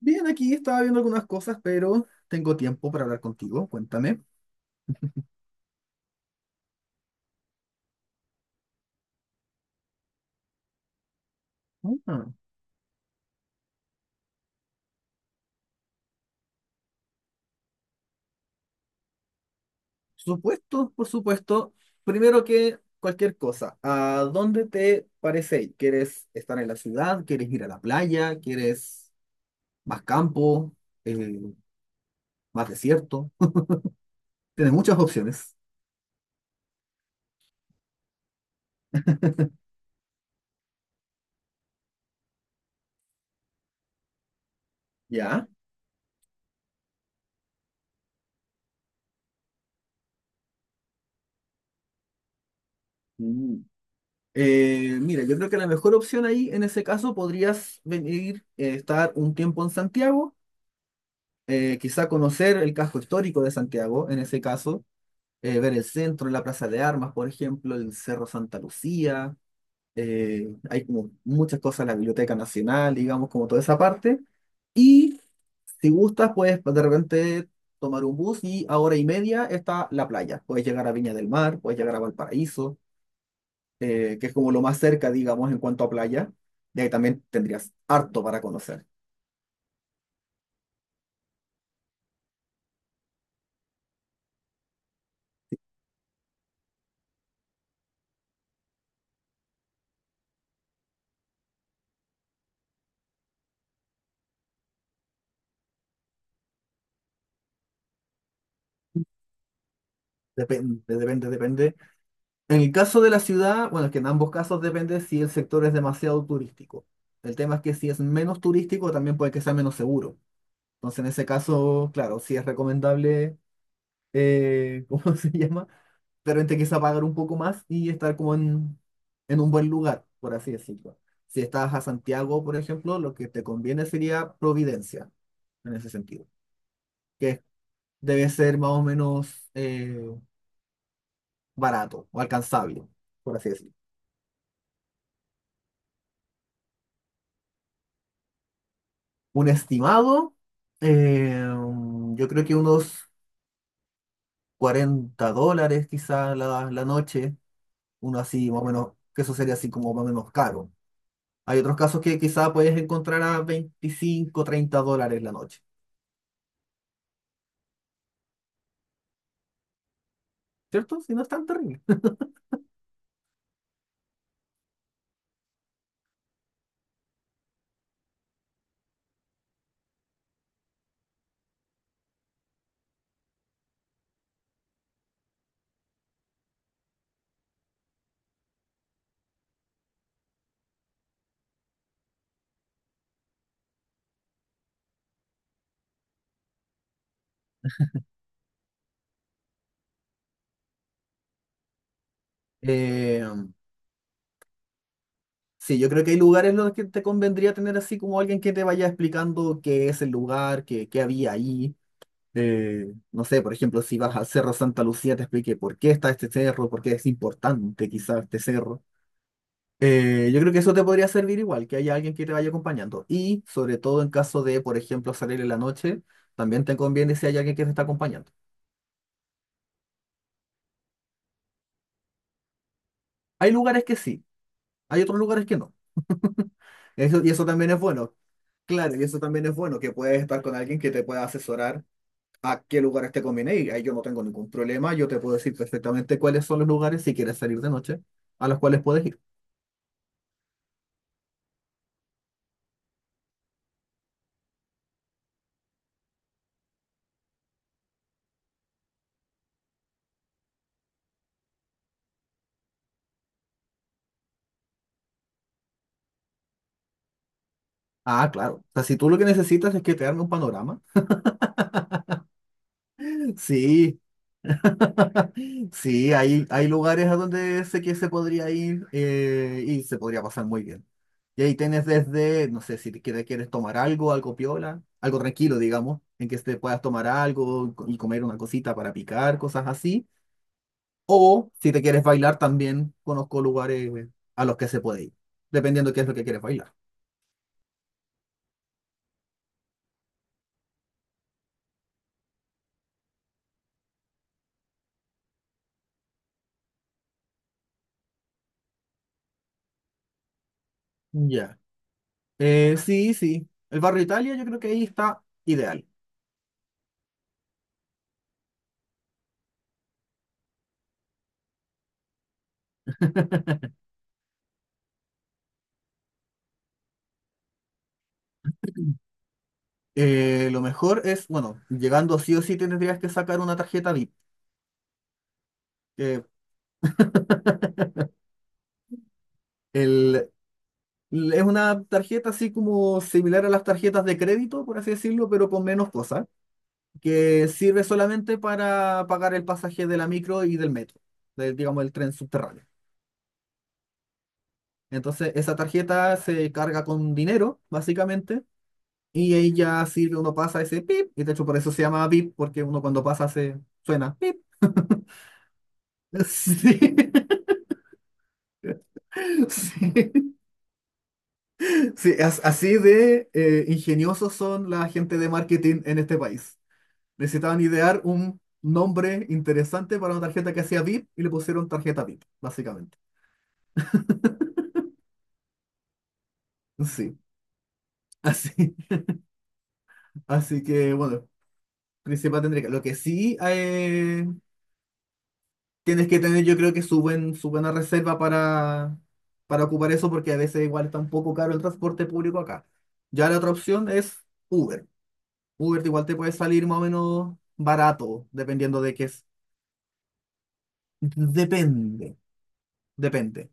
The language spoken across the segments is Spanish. Bien, aquí estaba viendo algunas cosas, pero tengo tiempo para hablar contigo. Cuéntame. Ah, por supuesto. Primero que cualquier cosa, ¿a dónde te parece ir? ¿Quieres estar en la ciudad? ¿Quieres ir a la playa? ¿Quieres más campo? Eh, ¿más desierto? Tienes muchas opciones. ¿Ya? Mm. Mira, yo creo que la mejor opción ahí, en ese caso, podrías venir, estar un tiempo en Santiago, quizá conocer el casco histórico de Santiago, en ese caso, ver el centro, la Plaza de Armas, por ejemplo, el Cerro Santa Lucía. Hay como muchas cosas, la Biblioteca Nacional, digamos, como toda esa parte. Y si gustas, puedes de repente tomar un bus y a hora y media está la playa. Puedes llegar a Viña del Mar, puedes llegar a Valparaíso, que es como lo más cerca, digamos, en cuanto a playa. Y ahí también tendrías harto para conocer. Depende, depende, depende. En el caso de la ciudad, bueno, es que en ambos casos depende si el sector es demasiado turístico. El tema es que si es menos turístico, también puede que sea menos seguro. Entonces, en ese caso, claro, sí es recomendable, ¿cómo se llama? Pero repente quizá pagar un poco más y estar como en un buen lugar, por así decirlo. Si estás a Santiago, por ejemplo, lo que te conviene sería Providencia, en ese sentido, que debe ser más o menos, barato o alcanzable, por así decirlo. Un estimado, eh, yo creo que unos $40 quizá la noche, uno así más o menos, que eso sería así como más o menos caro. Hay otros casos que quizá puedes encontrar a $25-$30 la noche, ¿cierto? Si no es tan terrible. Eh, sí, yo creo que hay lugares en los que te convendría tener así como alguien que te vaya explicando qué es el lugar, qué había ahí. No sé, por ejemplo, si vas al Cerro Santa Lucía, te explique por qué está este cerro, por qué es importante quizás este cerro. Yo creo que eso te podría servir igual, que haya alguien que te vaya acompañando. Y sobre todo en caso de, por ejemplo, salir en la noche, también te conviene si hay alguien que te está acompañando. Hay lugares que sí, hay otros lugares que no. Eso, y eso también es bueno. Claro, y eso también es bueno, que puedes estar con alguien que te pueda asesorar a qué lugares te conviene. Y ahí yo no tengo ningún problema, yo te puedo decir perfectamente cuáles son los lugares si quieres salir de noche a los cuales puedes ir. Ah, claro. O sea, si tú lo que necesitas es que te arme un panorama. Sí. Sí, hay lugares a donde sé que se podría ir, y se podría pasar muy bien. Y ahí tienes desde, no sé, si te quieres tomar algo, algo piola, algo tranquilo, digamos, en que te puedas tomar algo y comer una cosita para picar, cosas así. O si te quieres bailar también, conozco lugares, a los que se puede ir, dependiendo qué es lo que quieres bailar. Ya. Sí, sí. El barrio Italia yo creo que ahí está ideal. Lo mejor es, bueno, llegando sí o sí tendrías que sacar una tarjeta VIP. Que El, es una tarjeta así como similar a las tarjetas de crédito, por así decirlo, pero con menos cosas, que sirve solamente para pagar el pasaje de la micro y del metro, digamos el tren subterráneo. Entonces, esa tarjeta se carga con dinero, básicamente, y ella sirve, uno pasa ese pip, y de hecho por eso se llama pip, porque uno cuando pasa se suena pip. Sí. Sí, sí, así de ingeniosos son la gente de marketing en este país. Necesitaban idear un nombre interesante para una tarjeta que hacía VIP y le pusieron tarjeta VIP, básicamente. Sí, así, así que bueno, principal tendría que... Lo que sí, tienes que tener, yo creo que su buena reserva para, ocupar eso, porque a veces igual está un poco caro el transporte público acá. Ya la otra opción es Uber. Uber igual te puede salir más o menos barato, dependiendo de qué es. Depende, depende.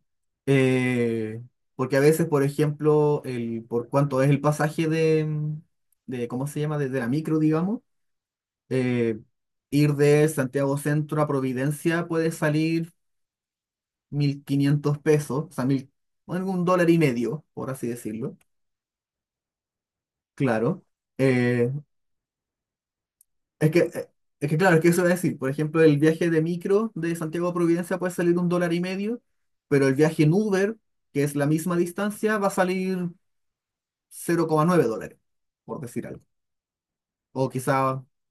Eh, porque a veces, por ejemplo, por cuánto es el pasaje de ¿cómo se llama? Desde la micro, digamos. eh, Ir de Santiago Centro a Providencia puede salir 1.500 pesos, o sea, bueno, un dólar y medio, por así decirlo. Claro. Eh, Es que, eh, es que claro, es que eso es decir, por ejemplo, el viaje de micro de Santiago a Providencia puede salir un dólar y medio, pero el viaje en Uber, que es la misma distancia, va a salir 0,9 dólares, por decir algo. O quizá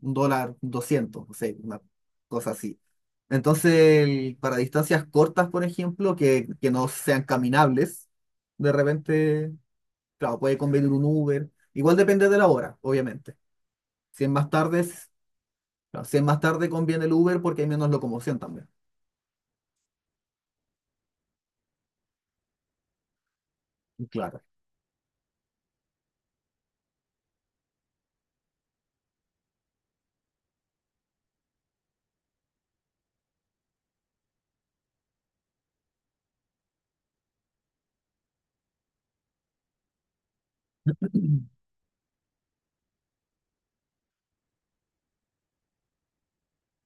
un dólar doscientos, no sé, una cosa así. Entonces, para distancias cortas, por ejemplo, que no sean caminables, de repente, claro, puede convenir un Uber. Igual depende de la hora, obviamente. Si es más tarde, Claro, si es más tarde conviene el Uber porque hay menos locomoción también. Claro.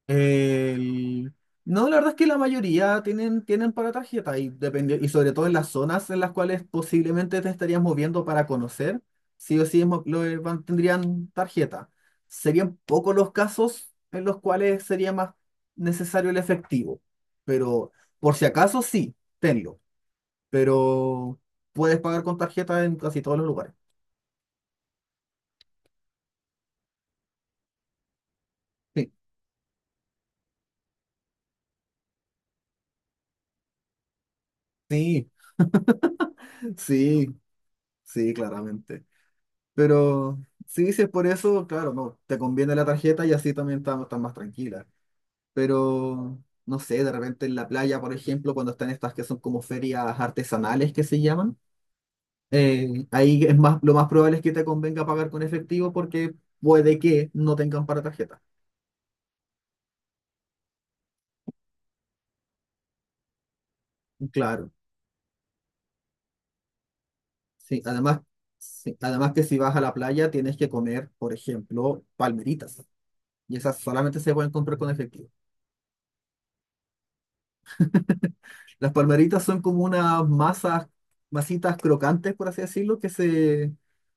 El- No, la verdad es que la mayoría tienen para tarjeta, y sobre todo en las zonas en las cuales posiblemente te estarías moviendo para conocer, sí o sí es mo- lo- van- tendrían tarjeta. Serían pocos los casos en los cuales sería más necesario el efectivo, pero por si acaso sí, tenlo, pero puedes pagar con tarjeta en casi todos los lugares. Sí, sí, sí. Sí, claramente. Pero sí, si es por eso, claro, no, te conviene la tarjeta y así también estás más tranquila. Pero, no sé, de repente en la playa, por ejemplo, cuando están estas que son como ferias artesanales que se llaman, ahí es más, lo más probable es que te convenga pagar con efectivo porque puede que no tengan para tarjeta. Claro, sí. Además, sí, además que si vas a la playa tienes que comer, por ejemplo, palmeritas. Y esas solamente se pueden comprar con efectivo. Las palmeritas son como unas masas, masitas crocantes, por así decirlo, que se,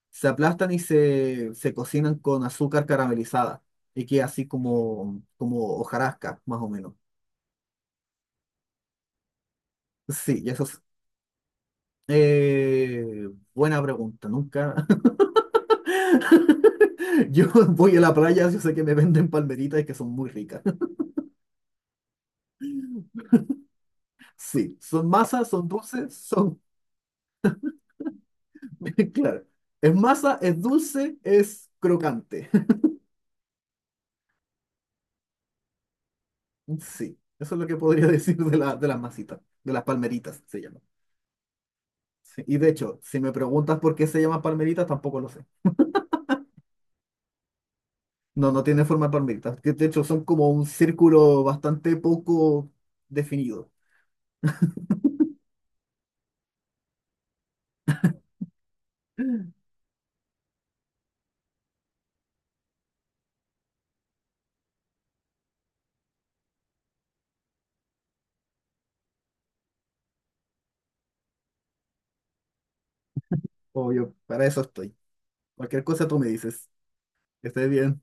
se aplastan y se cocinan con azúcar caramelizada y que así como, como hojarasca, más o menos. Sí, y eso es. eh, buena pregunta, nunca. Yo voy a la playa, yo sé que me venden palmeritas y que son muy ricas. Sí, son masas, son dulces, son... Claro, es masa, es dulce, es crocante. Sí, eso es lo que podría decir de las masitas, de las palmeritas se llaman. Sí, y de hecho, si me preguntas por qué se llaman palmeritas, tampoco lo sé. No, no tiene forma de palmeritas. Que De hecho, son como un círculo bastante poco definido. Obvio, para eso estoy. Cualquier cosa tú me dices. Que estés bien.